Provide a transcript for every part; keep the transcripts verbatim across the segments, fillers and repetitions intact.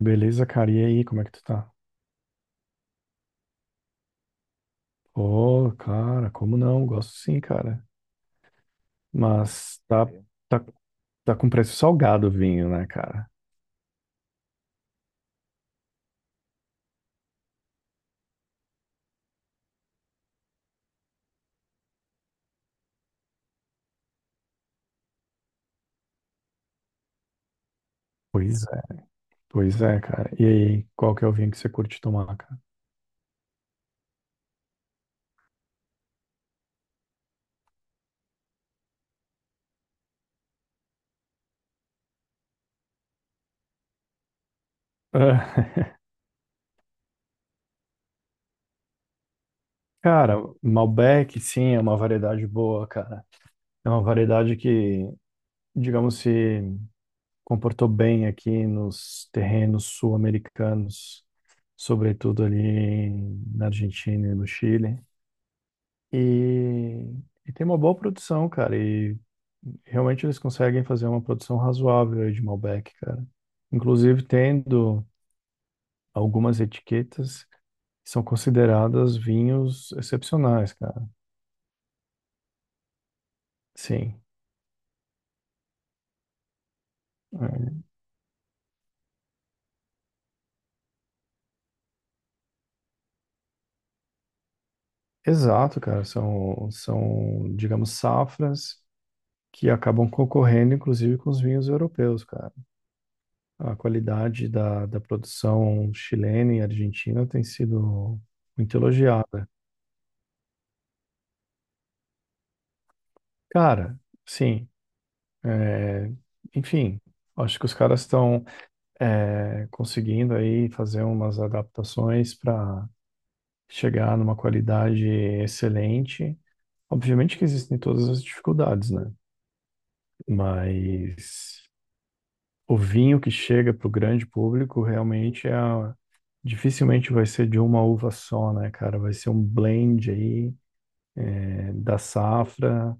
Beleza, cara. E aí, como é que tu tá? Ô, cara, como não? Gosto sim, cara. Mas tá, É. tá, tá com preço salgado o vinho, né, cara? Pois é. Pois é, cara. E aí, qual que é o vinho que você curte tomar, cara? Ah, Cara, Malbec, sim, é uma variedade boa, cara. É uma variedade que, digamos se comportou bem aqui nos terrenos sul-americanos, sobretudo ali na Argentina e no Chile. E, e tem uma boa produção, cara. E realmente eles conseguem fazer uma produção razoável aí de Malbec, cara. Inclusive tendo algumas etiquetas que são consideradas vinhos excepcionais, cara. Sim. é. Exato, cara. São, são, digamos, safras que acabam concorrendo, inclusive, com os vinhos europeus, cara. A qualidade da, da produção chilena e argentina tem sido muito elogiada. Cara, sim, é, enfim, acho que os caras estão é, conseguindo aí fazer umas adaptações para chegar numa qualidade excelente. Obviamente que existem todas as dificuldades, né? Mas o vinho que chega para o grande público realmente é a- dificilmente vai ser de uma uva só, né, cara? Vai ser um blend aí da safra.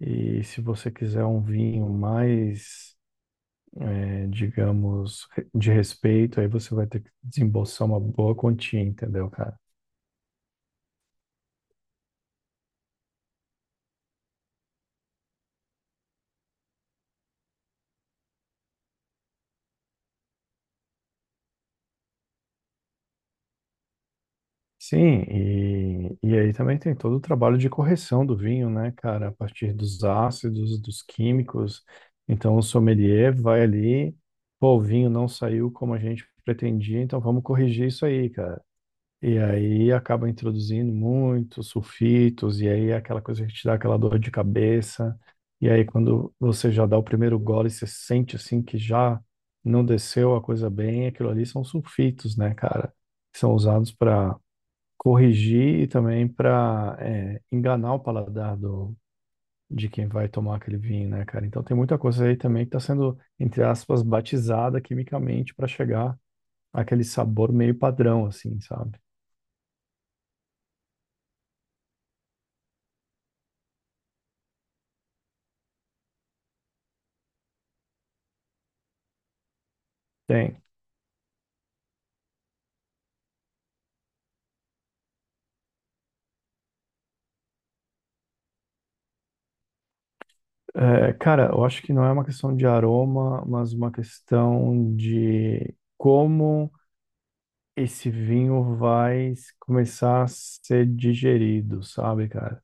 E se você quiser um vinho mais, eh, digamos, de respeito, aí você vai ter que desembolsar uma boa quantia, entendeu, cara? Sim, e, e aí também tem todo o trabalho de correção do vinho, né, cara? A partir dos ácidos, dos químicos. Então, o sommelier vai ali, pô, o vinho não saiu como a gente pretendia, então vamos corrigir isso aí, cara. E aí acaba introduzindo muitos sulfitos, e aí é aquela coisa que te dá aquela dor de cabeça. E aí quando você já dá o primeiro gole, você sente assim que já não desceu a coisa bem, aquilo ali são sulfitos, né, cara? Que são usados para corrigir e também para enganar o paladar do, de quem vai tomar aquele vinho, né, cara? Então tem muita coisa aí também que está sendo, entre aspas, batizada quimicamente para chegar àquele sabor meio padrão, assim, sabe? Tem. É, cara, eu acho que não é uma questão de aroma, mas uma questão de como esse vinho vai s- começar a ser digerido, sabe, cara?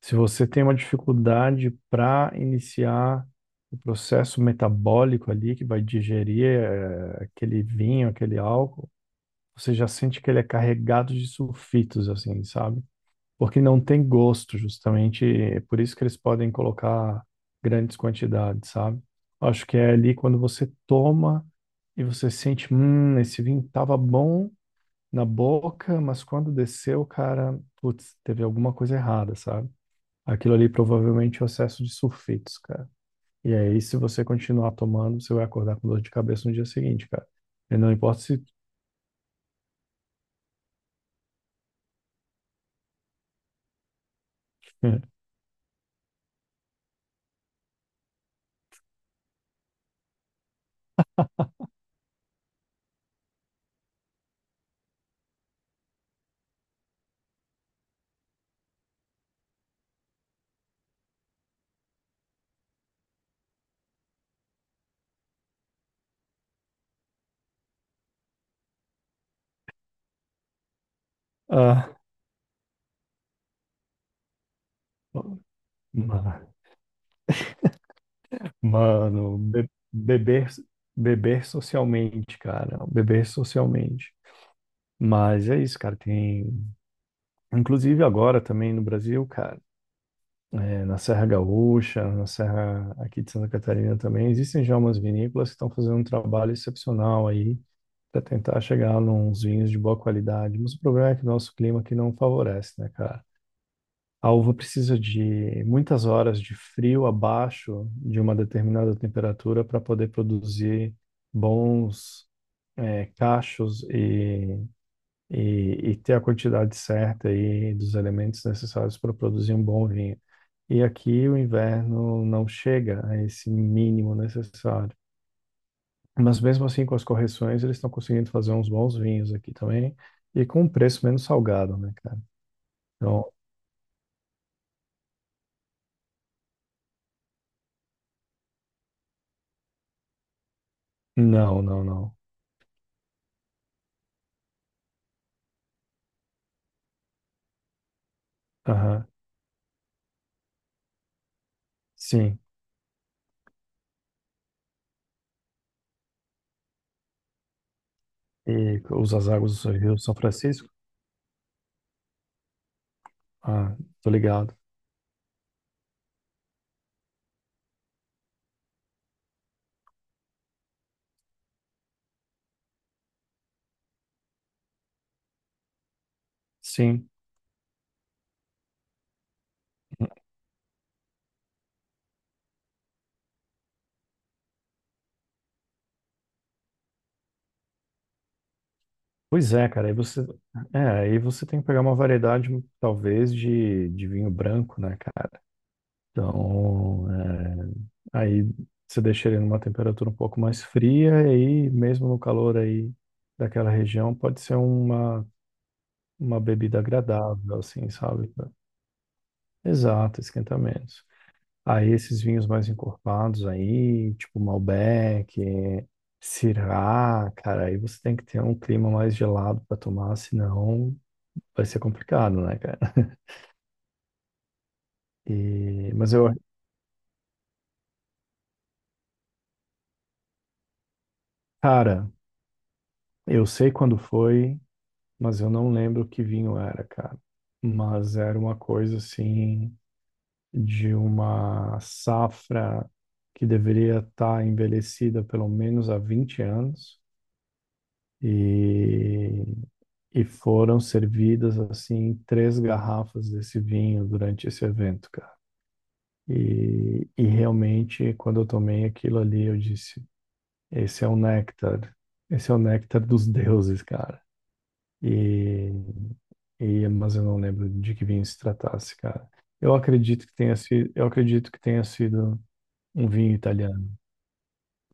Se você tem uma dificuldade para iniciar o processo metabólico ali que vai digerir, eh, aquele vinho, aquele álcool, você já sente que ele é carregado de sulfitos, assim, sabe? Porque não tem gosto, justamente. É por isso que eles podem colocar grandes quantidades, sabe? Acho que é ali quando você toma e você sente, hum, esse vinho tava bom na boca, mas quando desceu, cara, putz, teve alguma coisa errada, sabe? Aquilo ali provavelmente é o excesso de sulfitos, cara. E aí, se você continuar tomando, você vai acordar com dor de cabeça no dia seguinte, cara. E não importa se. Ah, Mano, be- beber, beber socialmente, cara. Beber socialmente. Mas é isso, cara. Tem, inclusive agora também no Brasil, cara, é, na Serra Gaúcha, na Serra aqui de Santa Catarina também, existem já umas vinícolas que estão fazendo um trabalho excepcional aí para tentar chegar nos vinhos de boa qualidade. Mas o problema é que o nosso clima aqui não favorece, né, cara? A uva precisa de muitas horas de frio abaixo de uma determinada temperatura para poder produzir bons eh, cachos e, e, e ter a quantidade certa aí dos elementos necessários para produzir um bom vinho. E aqui o inverno não chega a esse mínimo necessário. Mas mesmo assim, com as correções, eles estão conseguindo fazer uns bons vinhos aqui também e com um preço menos salgado, né, cara? Então, não, não, não. Aham. Sim. E usas águas do Rio São Francisco? Ah, tô ligado. Sim. Pois é, cara, aí você, é, aí você tem que pegar uma variedade, talvez, de, de vinho branco, né, cara? Então, é, aí você deixa ele numa temperatura um pouco mais fria, e aí, mesmo no calor aí daquela região, pode ser uma, uma bebida agradável, assim, sabe? Exato, esquentamentos. Aí esses vinhos mais encorpados aí, tipo Malbec, Syrah, cara, aí você tem que ter um clima mais gelado para tomar, senão vai ser complicado, né, cara? E, mas eu, cara, eu sei quando foi, mas eu não lembro que vinho era, cara. Mas era uma coisa assim de uma safra que deveria estar envelhecida pelo menos há vinte anos. E E foram servidas assim três garrafas desse vinho durante esse evento, cara. E, e realmente, quando eu tomei aquilo ali, eu disse: esse é o néctar, esse é o néctar dos deuses, cara. E, e mas eu não lembro de que vinho se tratasse, cara. Eu acredito que tenha sido, eu acredito que tenha sido um vinho italiano.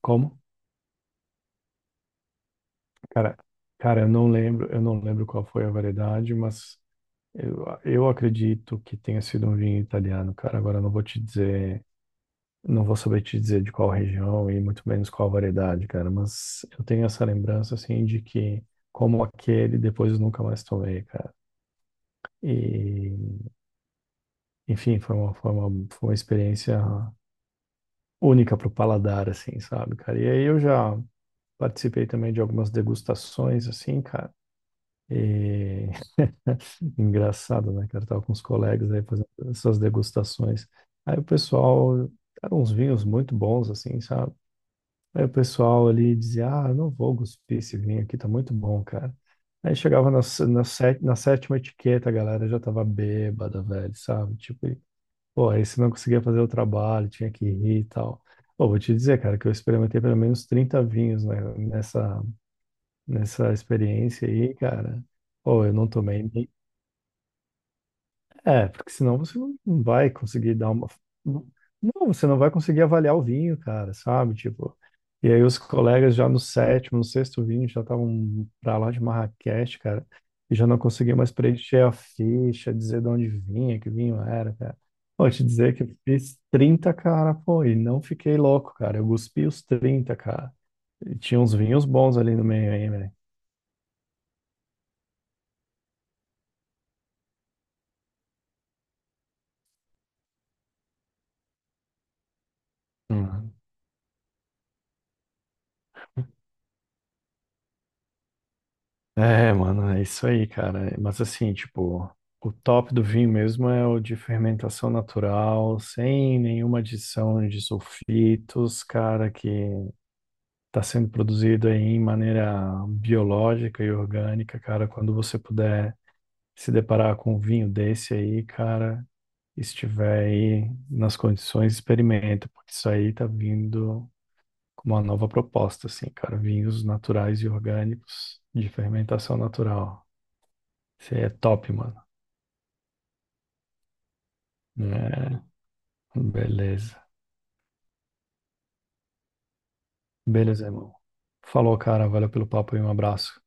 Como? Cara, cara, eu não lembro, eu não lembro qual foi a variedade, mas Eu, eu acredito que tenha sido um vinho italiano, cara. Agora eu não vou te dizer, não vou saber te dizer de qual região e muito menos qual variedade, cara. Mas eu tenho essa lembrança, assim, de que como aquele, depois eu nunca mais tomei, cara. E, enfim, foi uma, foi uma, foi uma experiência única pro paladar, assim, sabe, cara? E aí eu já participei também de algumas degustações, assim, cara. E Engraçado, né, cara? Eu tava com os colegas aí fazendo essas degustações. Aí o pessoal, eram uns vinhos muito bons, assim, sabe? Aí o pessoal ali dizia, ah, eu não vou cuspir esse vinho aqui, tá muito bom, cara. Aí chegava na, sé- na, sé- na sétima etiqueta, a galera já tava bêbada, velho, sabe? Tipo, e, pô, aí você não conseguia fazer o trabalho, tinha que rir e tal. Pô, vou te dizer, cara, que eu experimentei pelo menos trinta vinhos, né, nessa, nessa experiência aí, cara. Pô, eu não tomei É, porque senão você não não vai conseguir dar uma. Não, não, você não vai conseguir avaliar o vinho, cara, sabe? Tipo, e aí os colegas já no sétimo, no sexto vinho já estavam pra lá de Marrakech, cara, e já não conseguia mais preencher a ficha, dizer de onde vinha, que vinho era, cara. Vou te dizer que eu fiz trinta, cara, pô, e não fiquei louco, cara. Eu cuspi os trinta, cara. E tinha uns vinhos bons ali no meio aí, velho. É, mano, é isso aí, cara. Mas assim, tipo, o top do vinho mesmo é o de fermentação natural, sem nenhuma adição de sulfitos, cara, que tá sendo produzido aí em maneira biológica e orgânica, cara. Quando você puder se deparar com um vinho desse aí, cara, estiver aí nas condições, experimenta, porque isso aí tá vindo com uma nova proposta, assim, cara, vinhos naturais e orgânicos de fermentação natural. Você é top, mano. É, beleza. Beleza, irmão. Falou, cara. Valeu pelo papo e um abraço.